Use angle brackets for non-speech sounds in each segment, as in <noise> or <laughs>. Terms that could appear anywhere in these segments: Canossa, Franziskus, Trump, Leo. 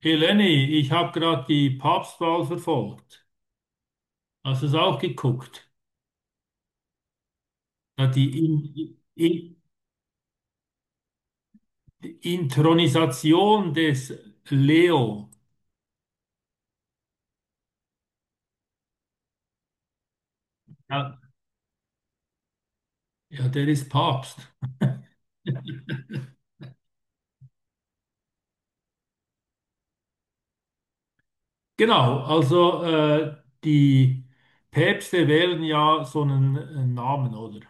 Hey Lenny, ich habe gerade die Papstwahl verfolgt. Hast du es auch geguckt? Da die In Inthronisation des Leo. Ja. Ja, der ist Papst. Genau, also die Päpste wählen ja so einen Namen, oder?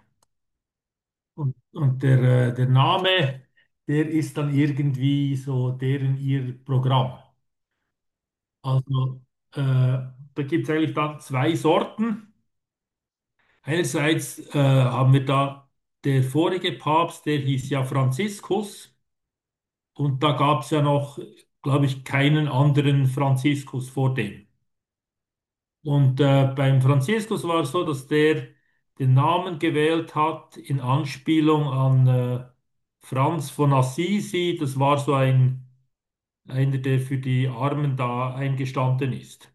Und der Name, der ist dann irgendwie so deren ihr Programm. Also da gibt es eigentlich dann zwei Sorten. Einerseits haben wir da der vorige Papst, der hieß ja Franziskus, und da gab es ja noch, glaube ich, keinen anderen Franziskus vor dem. Und beim Franziskus war es so, dass der den Namen gewählt hat in Anspielung an Franz von Assisi. Das war so einer, der für die Armen da eingestanden ist.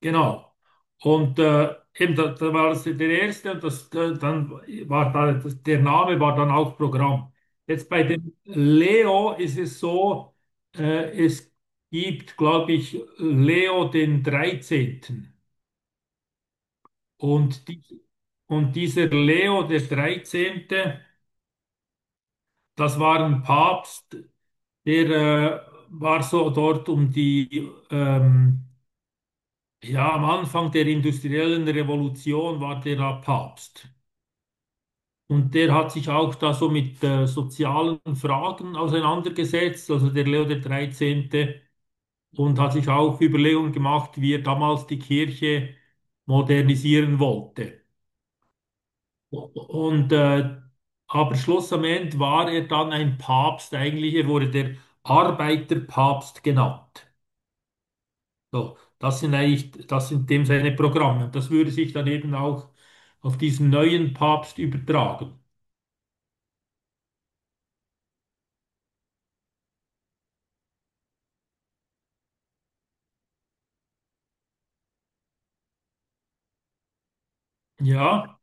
Genau. Und eben, da war das der erste, und das, dann war da, das, der Name war dann auch Programm. Jetzt bei dem Leo ist es so, es gibt, glaube ich, Leo den 13. Und, die, und dieser Leo der 13., das war ein Papst, der war so dort um die, ja, am Anfang der industriellen Revolution war der da Papst. Und der hat sich auch da so mit sozialen Fragen auseinandergesetzt, also der Leo der 13., und hat sich auch Überlegungen gemacht, wie er damals die Kirche modernisieren wollte. Und aber Schluss am Ende war er dann ein Papst, eigentlich, er wurde der Arbeiterpapst genannt. So, das sind eigentlich, das sind dem seine Programme. Und das würde sich dann eben auch auf diesen neuen Papst übertragen. Ja.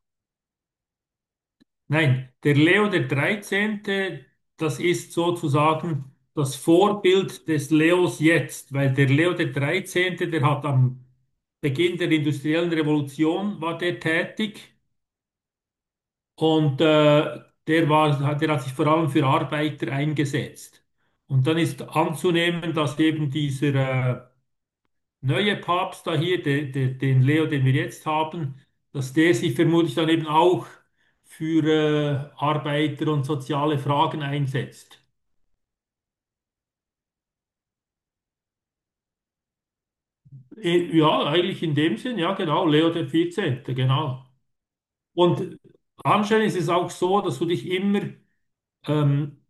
Nein, der Leo der 13., das ist sozusagen das Vorbild des Leos jetzt, weil der Leo der 13., der hat am Beginn der industriellen Revolution war der tätig, und der hat sich vor allem für Arbeiter eingesetzt. Und dann ist anzunehmen, dass eben dieser neue Papst da hier, den Leo, den wir jetzt haben, dass der sich vermutlich dann eben auch für Arbeiter und soziale Fragen einsetzt. Ja, eigentlich in dem Sinn, ja genau, Leo der 14., genau. Und anscheinend ist es auch so, dass du dich immer, ähm,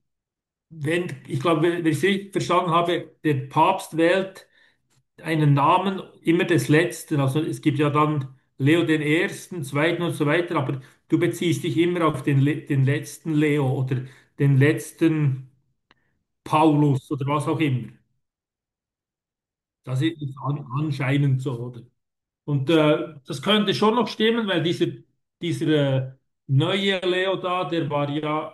wenn, ich glaube, wenn ich es richtig verstanden habe, der Papst wählt einen Namen immer des Letzten. Also es gibt ja dann Leo den Ersten, Zweiten und so weiter, aber du beziehst dich immer auf den letzten Leo oder den letzten Paulus oder was auch immer. Das ist anscheinend so, oder? Und das könnte schon noch stimmen, weil dieser äh, neue Leo da, der war ja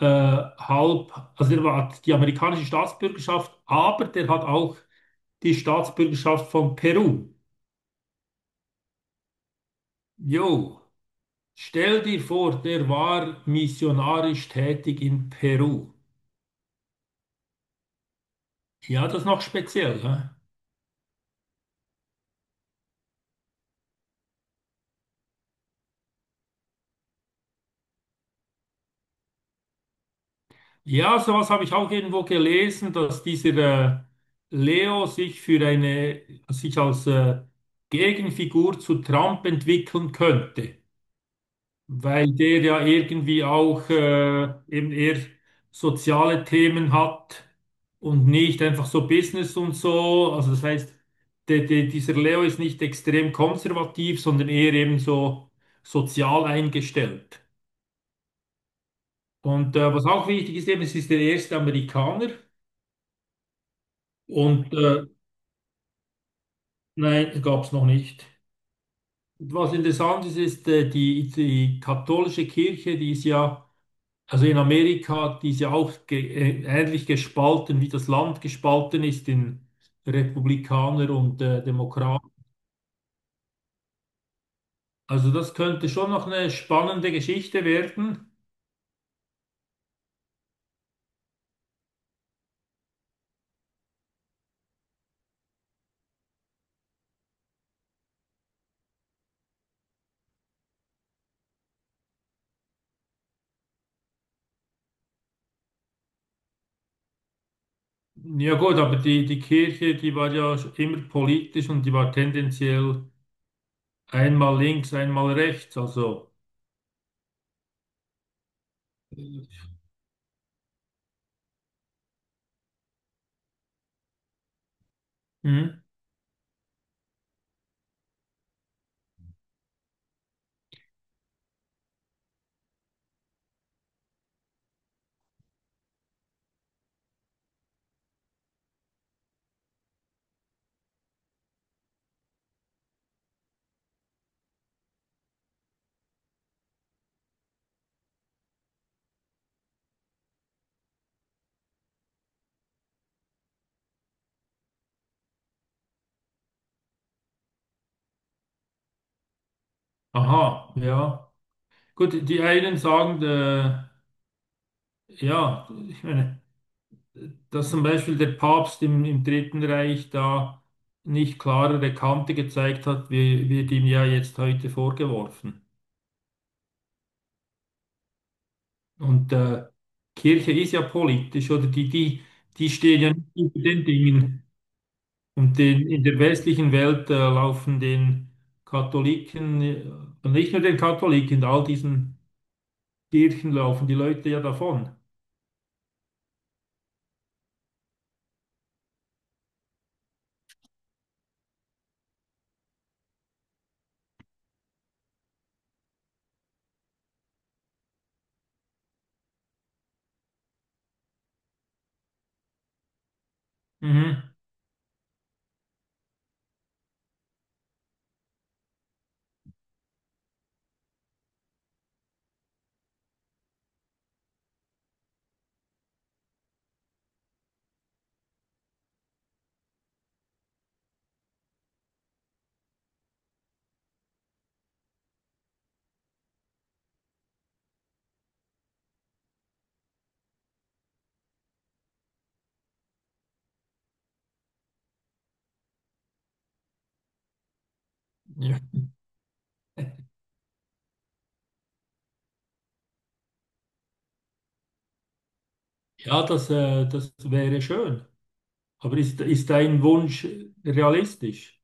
äh, halb, also hat die amerikanische Staatsbürgerschaft, aber der hat auch die Staatsbürgerschaft von Peru. Jo. Stell dir vor, der war missionarisch tätig in Peru. Ja, das ist noch speziell. Ne? Ja, sowas habe ich auch irgendwo gelesen, dass dieser Leo sich als Gegenfigur zu Trump entwickeln könnte. Weil der ja irgendwie auch eben eher soziale Themen hat und nicht einfach so Business und so. Also das heißt, dieser Leo ist nicht extrem konservativ, sondern eher eben so sozial eingestellt. Und was auch wichtig ist eben, es ist der erste Amerikaner. Und nein, gab es noch nicht. Was interessant ist, ist die katholische Kirche, die ist ja also in Amerika, die ist ja auch ge ähnlich gespalten, wie das Land gespalten ist in Republikaner und Demokraten. Also das könnte schon noch eine spannende Geschichte werden. Ja gut, aber die Kirche, die war ja immer politisch, und die war tendenziell einmal links, einmal rechts. Also, hm, aha, ja. Gut, die einen sagen, ja, ich meine, dass zum Beispiel der Papst im Dritten Reich da nicht klarere Kante gezeigt hat, wie wird ihm ja jetzt heute vorgeworfen. Und Kirche ist ja politisch, oder die stehen ja nicht über den Dingen. Und in der westlichen Welt laufen den Katholiken, und nicht nur den Katholiken, all diesen Kirchen laufen die Leute ja davon. Mhm. Ja, ja, das wäre schön. Aber ist dein Wunsch realistisch?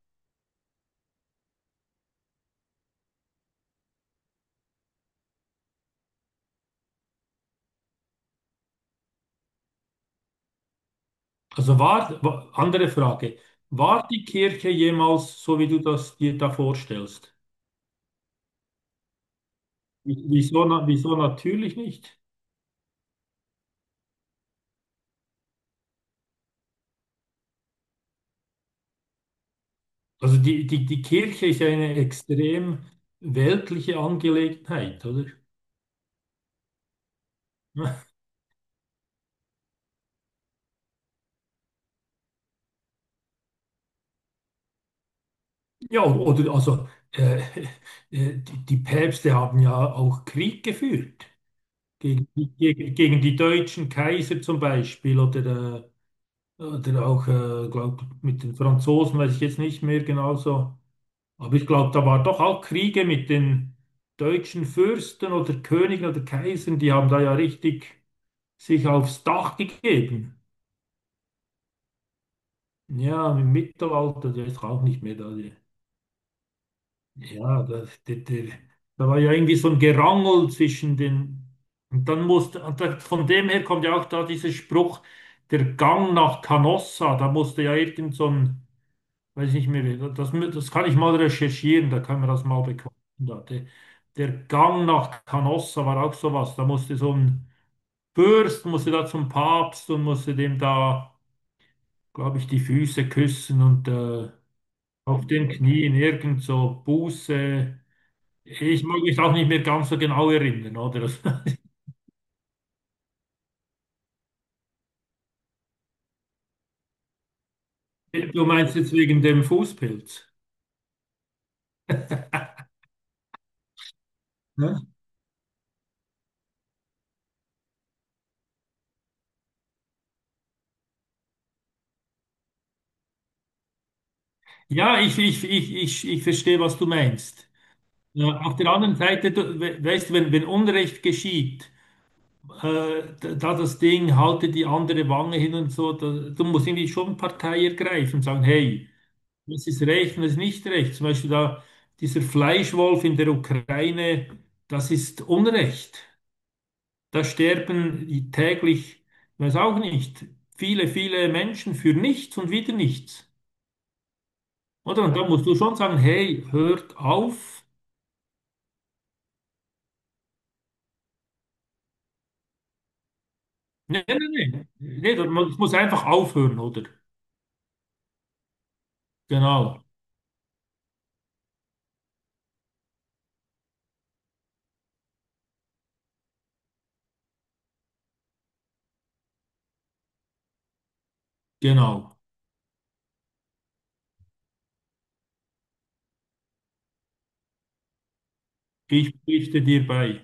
Also andere Frage. War die Kirche jemals so, wie du das dir da vorstellst? Wieso, wieso natürlich nicht? Also die Kirche ist ja eine extrem weltliche Angelegenheit, oder? <laughs> Ja, oder also die Päpste haben ja auch Krieg geführt gegen, gegen die deutschen Kaiser zum Beispiel, oder oder auch glaub, mit den Franzosen, weiß ich jetzt nicht mehr genauso. Aber ich glaube, da waren doch auch Kriege mit den deutschen Fürsten oder Königen oder Kaisern, die haben da ja richtig sich aufs Dach gegeben. Ja, im Mittelalter, der ist auch nicht mehr da. Ja, da war ja irgendwie so ein Gerangel zwischen den. Und dann und da, von dem her kommt ja auch da dieser Spruch, der Gang nach Canossa. Da musste ja irgend so ein. Weiß ich nicht mehr, das kann ich mal recherchieren, da kann man das mal bekommen. Der Gang nach Canossa war auch sowas. Da musste so ein Fürst, musste da zum Papst und musste dem da, glaube ich, die Füße küssen und auf den Knien irgend so Buße. Ich mag mich auch nicht mehr ganz so genau erinnern, oder? <laughs> Du meinst jetzt wegen dem Fußpilz, ne? Ja, ich verstehe, was du meinst. Ja, auf der anderen Seite, du, weißt du, wenn, Unrecht geschieht, da das Ding, halte die andere Wange hin und so, da, du musst irgendwie schon Partei ergreifen und sagen, hey, was ist recht und was ist nicht recht. Zum Beispiel da dieser Fleischwolf in der Ukraine, das ist Unrecht. Da sterben die täglich, ich weiß auch nicht, viele, viele Menschen für nichts und wieder nichts. Oder? Und da, ja, musst du schon sagen, hey, hört auf. Nee, nee, nee. Nee, das muss einfach aufhören, oder? Genau, genau. Ich pflichte dir bei.